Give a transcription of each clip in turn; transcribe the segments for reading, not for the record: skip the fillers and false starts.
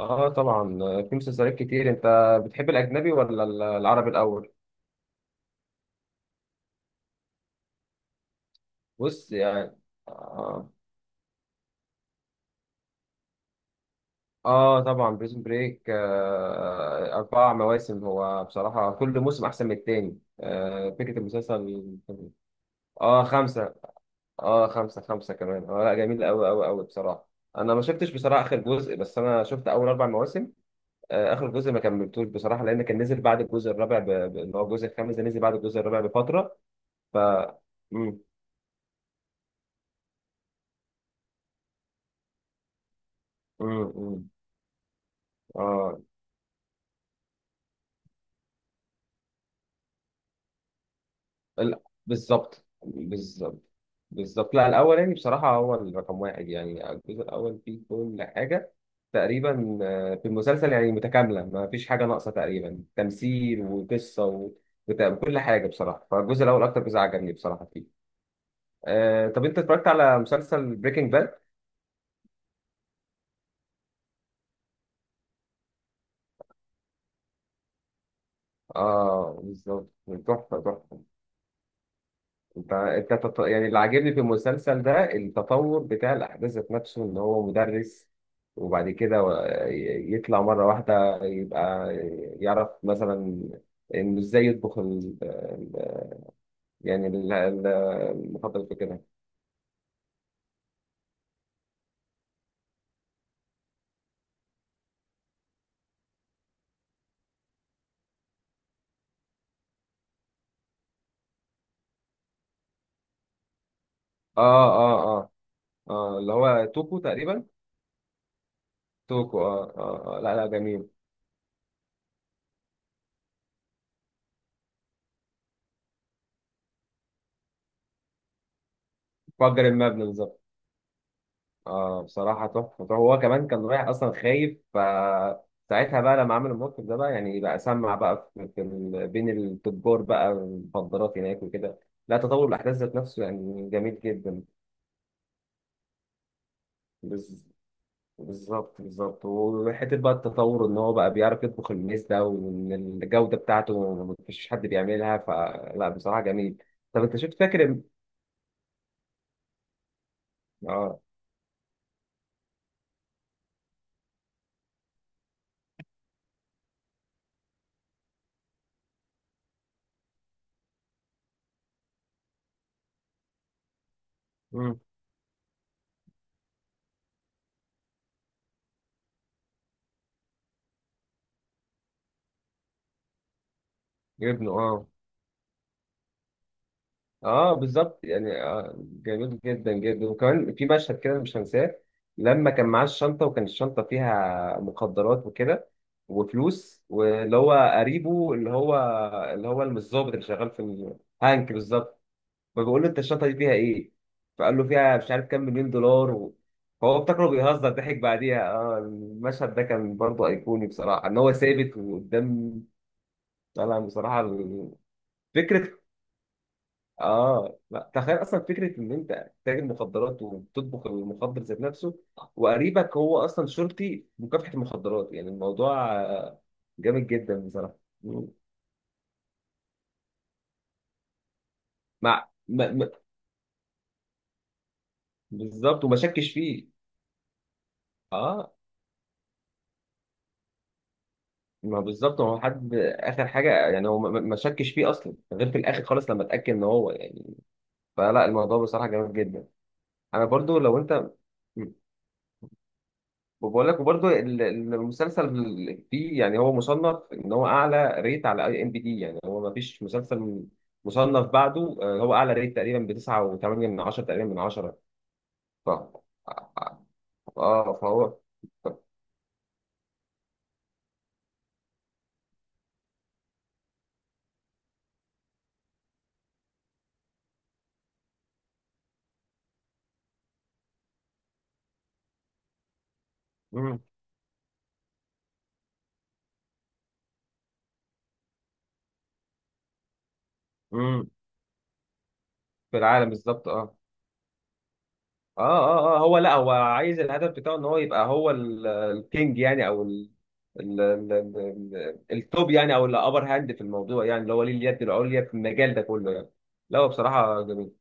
اه طبعا، في مسلسلات كتير. انت بتحب الاجنبي ولا العربي الاول؟ بص يعني. اه, طبعا بريزون بريك، اربع مواسم. هو بصراحه كل موسم احسن من التاني. فكره المسلسل. اه خمسه. اه خمسه، كمان. اه لا جميل قوي قوي بصراحه. انا ما شفتش بصراحه اخر جزء، بس انا شفت اول اربع مواسم. اخر جزء ما كملتوش بصراحه، لان كان نزل بعد الجزء الرابع اللي هو الجزء الخامس ده نزل بعد الجزء الرابع بفتره. ف مم. مم. اه. ال- بالظبط بالظبط. لا الاول يعني بصراحه هو الرقم واحد. يعني الجزء الاول فيه كل حاجه تقريبا، في المسلسل يعني متكامله، ما فيش حاجه ناقصه تقريبا. تمثيل وقصه وكل حاجه بصراحه. فالجزء الاول اكتر جزء عجبني بصراحه فيه. طب انت اتفرجت على مسلسل بريكنج باد؟ اه بالظبط. تحفه تحفه. انت يعني اللي عاجبني في المسلسل ده التطور بتاع الاحداث ذات نفسه، ان هو مدرس وبعد كده يطلع مره واحده يبقى يعرف مثلا انه ازاي يطبخ يعني المفضل في كده. اه اه اه اه اللي هو توكو تقريبا. توكو، لا لا جميل. فجر المبنى. اه بصراحة تحفة تحفة. هو كمان كان رايح أصلا خايف، فساعتها بقى لما عمل الموقف ده بقى يعني بقى سمع بقى في بين التجار بقى المخدرات هناك وكده. لا تطور الأحداث ذات نفسه يعني جميل جدا. بز- بالظبط بالظبط. وحتة بقى التطور إن هو بقى بيعرف يطبخ الميز ده، وإن الجودة بتاعته مفيش حد بيعملها، فلا بصراحة جميل. طب أنت شفت فاكر اه؟ مم. ابنه اه. اه بالظبط يعني، جميل جدا جدا. وكمان في مشهد كده مش هنساه، لما كان معاه الشنطه وكان الشنطه فيها مخدرات وكده وفلوس، واللي هو قريبه اللي هو اللي هو الظابط اللي شغال في هانك بالظبط. فبيقول له انت الشنطه دي فيها ايه؟ فقال له فيها مش عارف كام مليون دولار. فهو افتكره بيهزر، ضحك بعديها. اه المشهد ده كان برضه ايقوني بصراحه، ان هو ثابت وقدام طالع بصراحه. فكرة. اه لا، تخيل اصلا فكره ان انت تاجر مخدرات وبتطبخ المخدر ذات نفسه، وقريبك هو اصلا شرطي في مكافحه المخدرات. يعني الموضوع جامد جدا بصراحه. مم. مع ما... ما... بالظبط وما شكش فيه. اه. ما بالظبط، هو حد اخر حاجه يعني، هو ما شكش فيه اصلا غير في الاخر خالص، لما اتاكد ان هو يعني. فلا الموضوع بصراحه جامد جدا. انا برضو لو انت. وبقول لك وبرضه المسلسل فيه يعني، هو مصنف ان هو اعلى ريت على اي ام بي دي. يعني هو ما فيش مسلسل مصنف بعده. هو اعلى ريت تقريبا ب 9.8 من 10، تقريبا من 10. ف اه فهو مم. مم. في العالم بالظبط اه. اه اه اه هو، لا هو عايز الهدف بتاعه ان هو يبقى هو الكينج يعني، او ال... التوب يعني، او الابر هاند في الموضوع يعني، اللي هو ليه اليد العليا في المجال ده كله يعني. لا هو بصراحة جميل.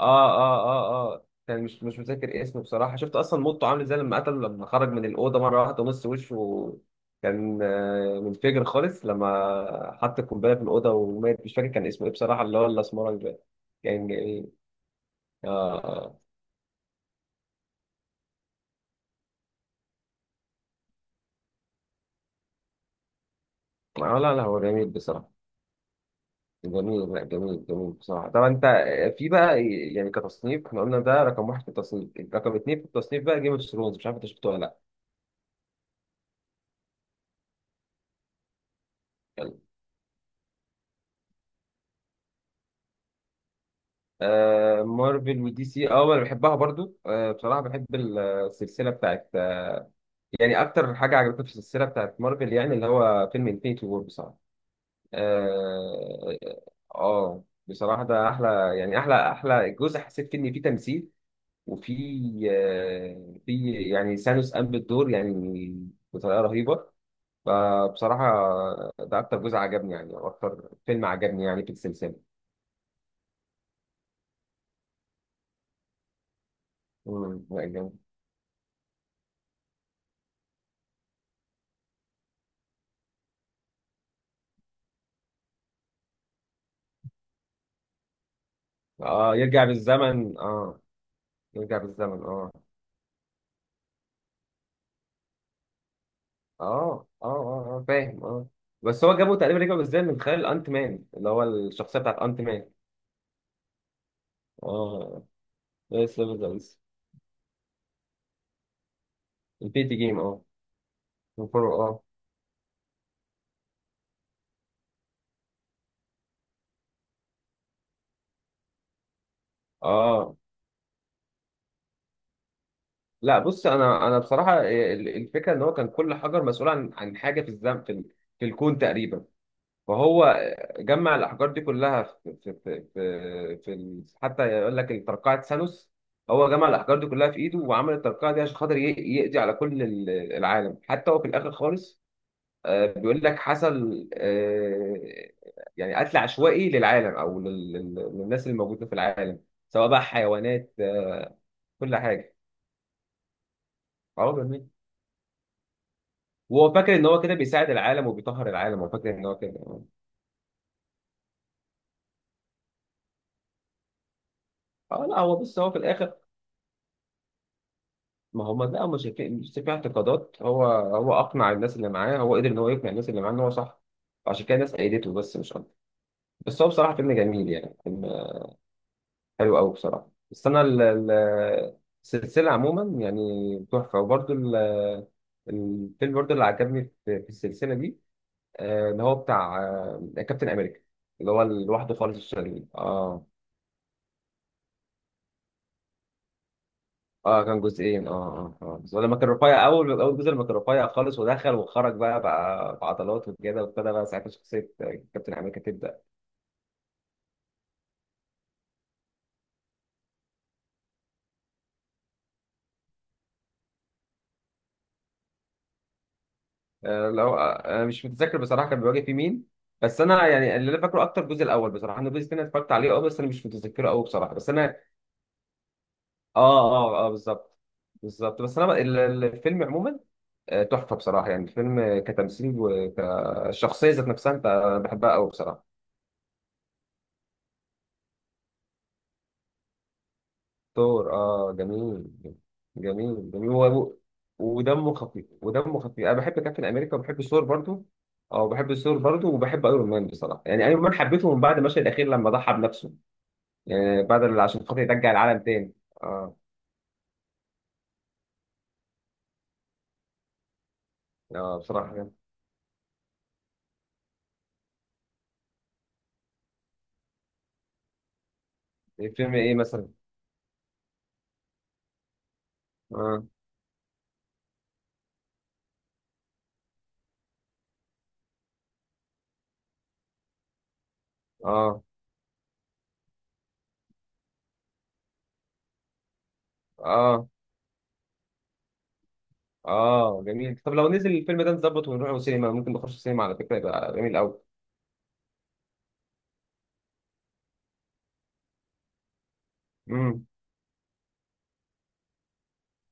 اه اه كان مش متذكر اسمه بصراحة. شفت أصلا موته عامل ازاي، لما قتل لما خرج من الأوضة مرة واحدة ونص وشه كان منفجر خالص، لما حط القنبلة في الأوضة ومات. مش فاكر كان اسمه ايه بصراحة، اللي هو الأسمراني ده. كان جميل. اه اه. لا لا هو جميل بصراحة. جميل لا جميل جميل بصراحة. طبعا أنت في بقى، يعني كتصنيف احنا قلنا ده رقم واحد في التصنيف، رقم اتنين في التصنيف بقى جيم اوف ثرونز، مش عارف أنت شفته ولا لأ؟ مارفل ودي سي، اه انا بحبها برضو. بصراحه بحب السلسله بتاعت يعني. اكتر حاجه عجبتني في السلسله بتاعت مارفل يعني اللي هو فيلم انفينيتي وور بصراحه. اه. بصراحه ده احلى، يعني احلى جزء حسيت فيه ان فيه تمثيل وفي في يعني سانوس قام بالدور يعني بطريقه رهيبه. فبصراحه ده اكتر جزء عجبني، يعني او اكتر فيلم عجبني يعني في السلسله. مم، لا، جامد. اه يرجع بالزمن اه. يرجع بالزمن اه فاهم اه. بس هو جابه تقريبا، رجع بالزمن من خلال انت مان، اللي هو الشخصيه بتاعت انت مان. اه. بس بس البيتي جيم اه. الفرو اه. اه لا بص، انا بصراحه الفكره ان هو كان كل حجر مسؤول عن حاجه في الزمن، في الكون تقريبا. فهو جمع الأحجار دي كلها في حتى يقول لك ترقعة ثانوس. هو جمع الأحجار دي كلها في إيده وعمل الترقعة دي عشان خاطر يقضي على كل العالم. حتى هو في الآخر خالص بيقول لك حصل، يعني قتل عشوائي للعالم أو للناس اللي موجودة في العالم، سواء بقى حيوانات كل حاجة. عمر. وهو فاكر إن هو كده بيساعد العالم وبيطهر العالم، هو فاكر إن هو كده. اه لا هو بص، هو في الآخر. ما هم لا، مش في اعتقادات. هو هو اقنع الناس اللي معاه، هو قدر ان هو يقنع الناس اللي معاه ان هو صح، عشان كده الناس ايدته بس مش اكتر. بس هو بصراحه فيلم جميل، يعني فيلم حلو قوي بصراحه. بس انا السلسله عموما يعني تحفه. وبرده الفيلم برده اللي عجبني في في السلسله دي، اللي هو بتاع كابتن امريكا، اللي هو لوحده خالص الشرير اه. اه كان جزئين اه. اه اه. بس لما كان رفيع، اول جزء لما كان رفيع خالص ودخل وخرج بقى، بقى بعضلات وكده وابتدى بقى ساعتها شخصيه كابتن امريكا تبدا. لو انا مش متذكر بصراحه كان بيواجه في مين. بس انا يعني اللي انا فاكره اكتر الجزء الاول بصراحه. انا الجزء الثاني اتفرجت عليه اه، بس انا مش متذكره قوي بصراحه. بس انا. اه بالظبط. بالظبط بس انا الفيلم عموما، تحفه بصراحه. يعني الفيلم كتمثيل وكشخصيه ذات نفسها، انت بحبها قوي بصراحه. ثور اه جميل. جميل جميل. هو ودمه خفيف، ودمه خفيف. انا بحب كابتن امريكا وبحب ثور برضو. اه بحب ثور برضو، وبحب ايرون مان بصراحه. يعني ايرون مان حبيته من بعد المشهد الاخير لما ضحى بنفسه، يعني بعد اللي عشان خاطر يرجع العالم تاني. اه. اه بصراحه كان. الفيلم ايه مثلا؟ اه اه اه اه جميل. طب لو نزل الفيلم ده نظبط ونروح السينما، ممكن نخش السينما على فكره، يبقى جميل قوي.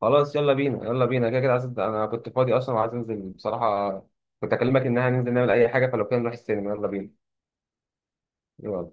خلاص يلا بينا، يلا بينا. كده كده عايز، انا كنت فاضي اصلا وعايز انزل بصراحه، كنت اكلمك ان احنا ننزل نعمل اي حاجه، فلو كان نروح السينما يلا بينا. يلا.